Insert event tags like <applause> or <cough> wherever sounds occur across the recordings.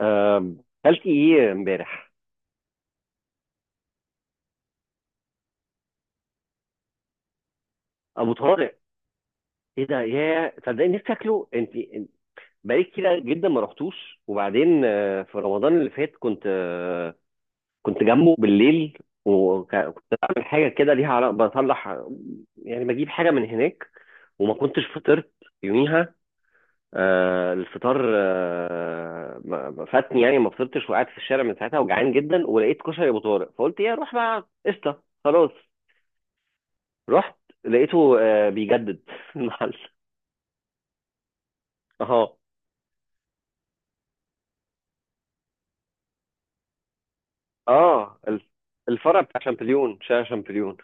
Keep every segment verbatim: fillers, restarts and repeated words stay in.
آم، اكلت ايه امبارح؟ ابو طارق. ايه ده يا صدقني نفسي اكله. انت أنت- بقالي كتير جدا ما رحتوش. وبعدين آه، في رمضان اللي فات كنت آه، كنت جنبه بالليل، وكنت بعمل حاجه كده ليها علاقه بطلع، يعني بجيب حاجه من هناك، وما كنتش فطرت يوميها. آه، الفطار آه، ما- ما فاتني، يعني ما فطرتش وقعدت في الشارع من ساعتها وجعان جدا، ولقيت كشري ابو طارق، فقلت ايه اروح بقى، قشطه خلاص. رحت لقيته آه، بيجدد <laughs> المحل. اه اه الف- الفرع بتاع شامبليون، شارع شامبليون.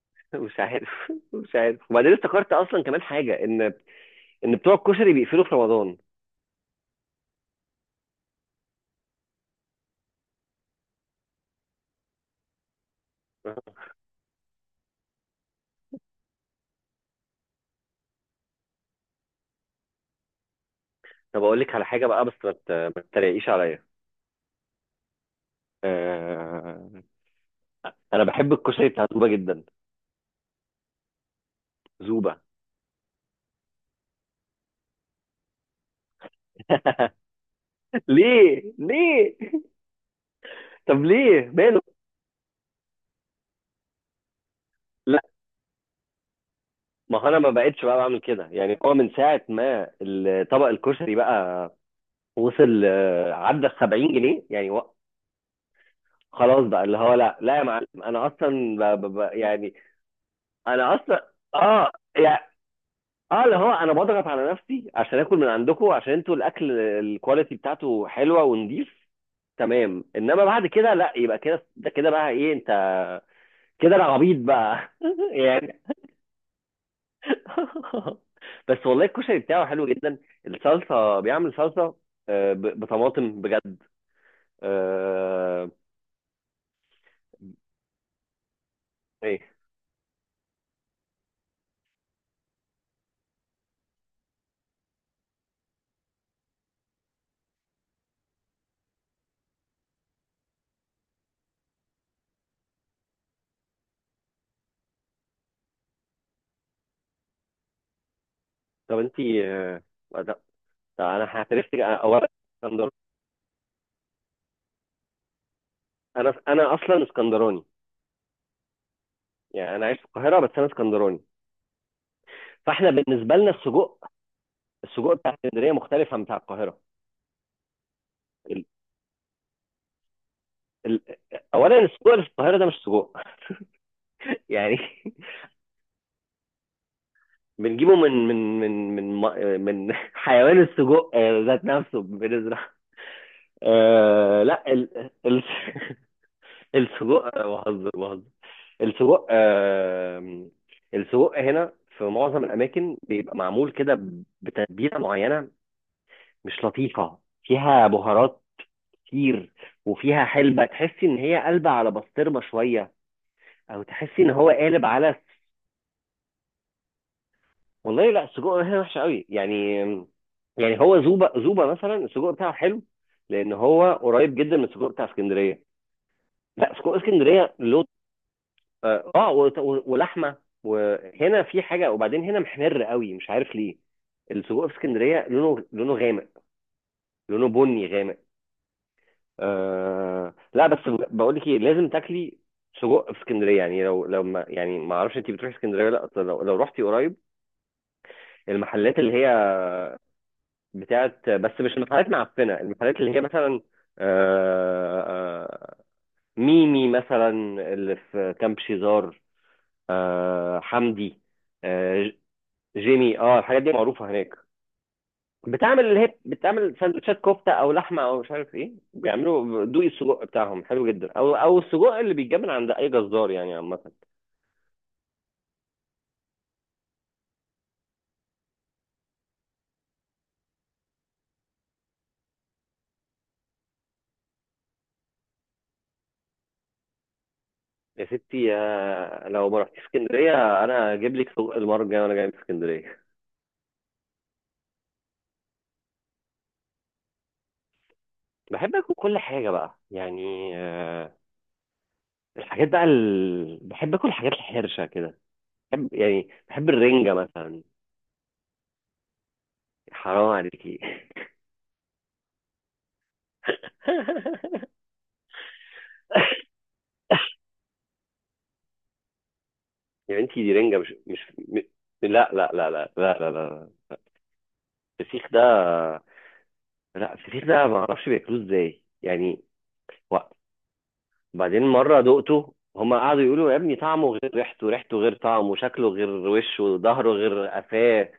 <laughs> مش عارف. <laughs> مش عارف. وبعدين افتكرت اصلا كمان حاجه، ان ان بتوع الكشري بيقفلوا في رمضان. طب اقول لك على حاجه بقى، بس ما ت- ما تتريقيش عليا. آه... انا بحب الكشري بتاع زوبه جدا. زوبه. <laughs> ليه ليه؟ طب ليه ماله؟ لا، ما هو انا ما بقتش بقى بعمل كده يعني، هو من ساعه ما الطبق الكشري بقى وصل آه، عدى ال سبعين جنيه يعني و... خلاص بقى، اللي هو لا لا يا معلم، انا اصلا ب... ب... ب... يعني. انا اصلا اه يعني، اه اللي هو انا بضغط على نفسي عشان اكل من عندكم، عشان انتوا الاكل الكواليتي بتاعته حلوه ونضيف، تمام. انما بعد كده لا، يبقى كده ده كده بقى ايه انت، كده انا عبيط بقى <laughs> يعني. <laughs> بس والله الكشري بتاعه حلو جدا. الصلصه، بيعمل صلصه آه، ب- بطماطم بجد. آه، إيه، طب انت آه، لا، طب انا هعترف لك. أنا- اولا اسكندر، انا انا اصلا اسكندراني، يعني انا عايش في القاهره بس انا اسكندراني. فاحنا بالنسبه لنا السجق، السجق بتاع اسكندريه مختلف عن بتاع القاهره. ال... ال... اولا السجق اللي في القاهره ده مش سجق <laughs> يعني. بنجيبه من من من من م- من <laughs> حيوان السجق، آه، ذات نفسه بنزرع. آه لا ال... ال... <laughs> السجق بهزر بهزر. السجق آه، السجق هنا في معظم الاماكن بيبقى معمول كده ب- بتتبيله معينه مش لطيفه، فيها بهارات كتير، وفيها حلبه تحسي ان هي قلبه على بسطرمه شويه، او تحسي ان هو قالب على. والله لا، السجق هنا وحش قوي يعني. يعني هو زوبه، زوبه مثلا السجق بتاعه حلو، لان هو قريب جدا من السجق بتاع اسكندريه. لا، سجق اسكندريه له اه، آه، و- و- ولحمه، وهنا في حاجه. وبعدين هنا محمر قوي، مش عارف ليه. السجق في اسكندريه لونه لونه غامق، لونه بني غامق. آه لا، بس بقول لك ايه، لازم تاكلي سجق في اسكندريه. يعني لو لو ما يعني ما اعرفش انت بتروحي اسكندريه ولا لا، أصل لو لو رحتي قريب المحلات اللي هي بتاعت، بس مش المحلات معفنه، المحلات اللي هي مثلا آه آه ميمي مثلا، اللي في كامب شيزار، آه حمدي، آه، جيمي. اه الحاجات دي معروفه هناك. بتعمل، اللي هي بتعمل سندوتشات كفته او لحمه او مش عارف ايه، بيعملوا دوقي، السجق بتاعهم حلو جدا، او او السجق اللي بيتجاب من عند اي جزار يعني عامه. يا ستي، آه، لو ما رحتيش اسكندريه انا اجيب لك سجق المره الجايه وانا جاي من اسكندريه. بحب اكل كل حاجه بقى يعني. آه، الحاجات بقى ال... بحب اكل الحاجات الحرشه كده. بحب، يعني بحب الرنجه مثلا. حرام عليكي. <laughs> يا بنتي دي رنجة، مش مش م... لا لا لا لا لا لا لا. الفسيخ ده، لا الفسيخ ده ما اعرفش بياكلوه ازاي يعني. و... بعدين مرة دقته، هما قعدوا يقولوا يا ابني طعمه غير ريحته، ريحته غير طعمه، شكله غير وشه، ظهره غير قفاه.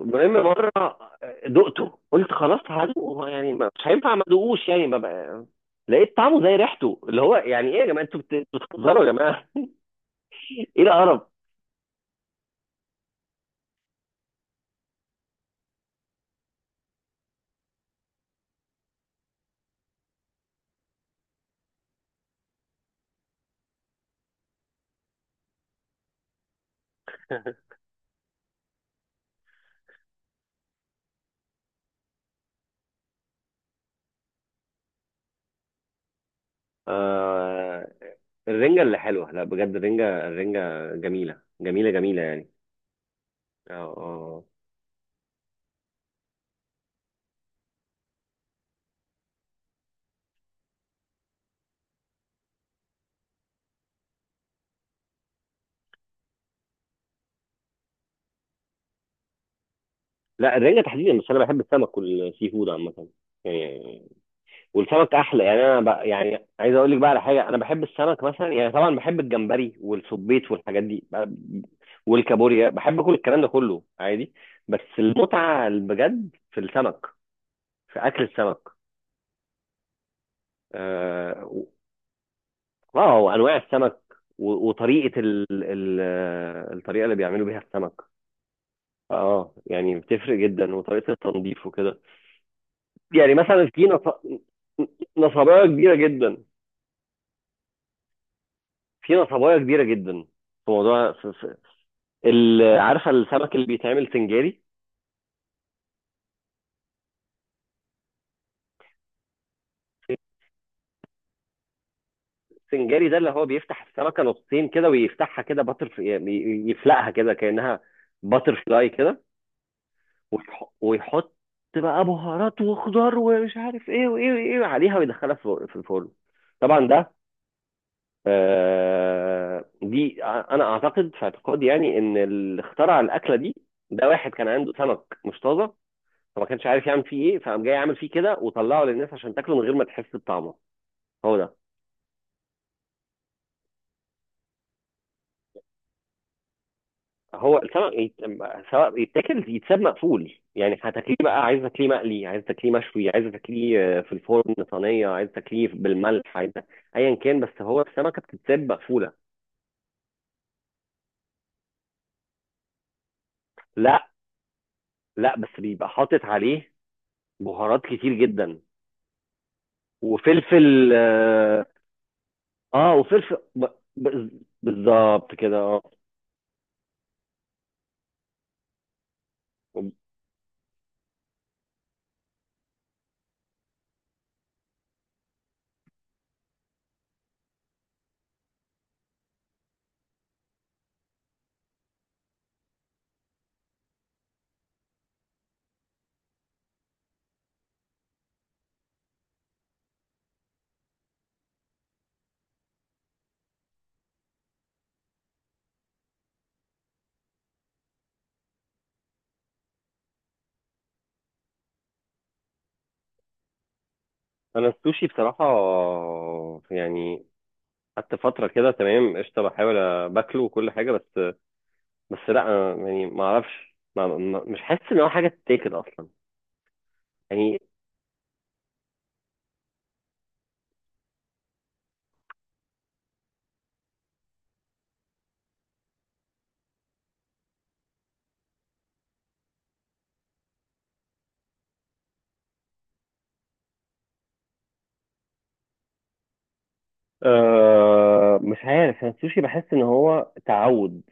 المهم مرة آه، دقته، قلت خلاص هدوقه، يعني ما- مش هينفع ما ادوقوش يعني، ببقى... لقيت طعمه زي ريحته، اللي هو يعني ايه يا جماعة، انتوا بت- بتهزروا يا جماعة. <laughs> ايه القرف. <laughs> آه. الرنجة اللي حلوة، لا بجد الرنجة، الرنجة جميلة جميلة جميلة يعني. اه اه. لا الرنجة تحديدا، بس انا بحب السمك والسي فود عامة يعني. والسمك احلى يعني. انا بقى يعني عايز اقول لك بقى على حاجة، انا بحب السمك مثلا. يعني طبعا بحب الجمبري والسبيط والحاجات دي ب- والكابوريا، بحب كل الكلام ده كله عادي. بس المتعة بجد في السمك، في اكل السمك. اه و- آه، وانواع السمك، و- وطريقة ال ال آه، الطريقة اللي بيعملوا بيها السمك. اه يعني بتفرق جدا، وطريقه التنظيف وكده. يعني مثلا في نص... نصبايه كبيره جدا، في نصبايه كبيره جدا، في موضوع، في... في... ال... عارفه السمك اللي بيتعمل سنجاري؟ السنجاري ده اللي هو بيفتح السمكه نصين كده، ويفتحها كده باتر يعني، يفلقها كده كانها باتر فلاي كده، ويح- ويحط بقى بهارات وخضار ومش عارف ايه وايه وايه عليها، ويدخلها في في الفرن. طبعا ده آه، دي ع- انا اعتقد في اعتقادي يعني، ان اللي اخترع الاكله دي، ده واحد كان عنده سمك مش طازه، فما كانش عارف يعمل فيه ايه، فقام جاي عامل فيه كده وطلعه للناس عشان تاكله من غير ما تحس بطعمه. هو ده. هو السمك يت... سواء يتاكل يتساب مقفول، يعني هتاكليه بقى، عايز تاكليه مقلي، عايز تاكليه مشوي، عايز تاكليه آه، في الفرن صينيه، عايز تاكليه بالملح، عايز ايا كان، بس هو السمكه بتتساب مقفوله. لا، لا بس بيبقى حاطط عليه بهارات كتير جدا وفلفل اه، آه، وفلفل ب- ب- بالظبط كده اه. انا السوشي بصراحه يعني، قعدت فتره كده تمام قشطه، بحاول أ- باكله وكل حاجه، بس بس لا، أنا يعني ما اعرفش ما ما- مش حاسس ان هو حاجه تتاكل اصلا يعني. آه مش عارف، انا السوشي بحس ان هو تعود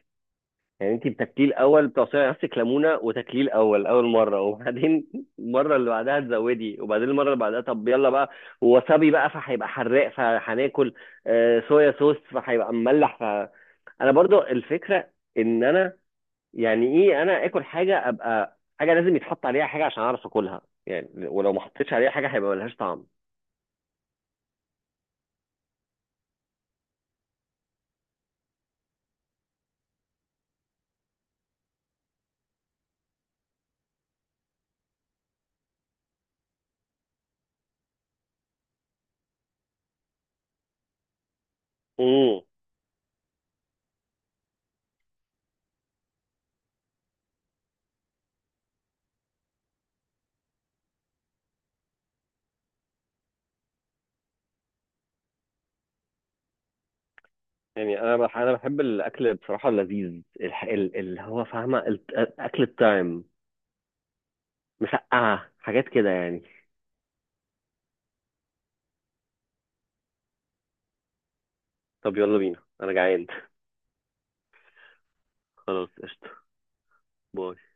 يعني. انت بتاكليه الاول، بتعصري نفسك ليمونه وتاكليه الاول اول مره، وبعدين <laughs> المره اللي بعدها تزودي، وبعدين المره اللي بعدها طب يلا بقى. ووسابي بقى فهيبقى حراق فهناكل، آه، صويا صوص فهيبقى مملح ف، انا برضو الفكره ان انا يعني ايه، انا اكل حاجه ابقى حاجه، لازم يتحط عليها حاجه عشان اعرف اكلها يعني، ولو ما حطيتش عليها حاجه هيبقى ملهاش طعم. امم يعني انا بح انا بحب الاكل بصراحه اللذيذ، الح... ال- اللي هو فاهمه، الت- اكل التايم، مسقعة، حاجات كده يعني. طب يلا بينا انا جعان. <laughs> خلاص قشطة. باي.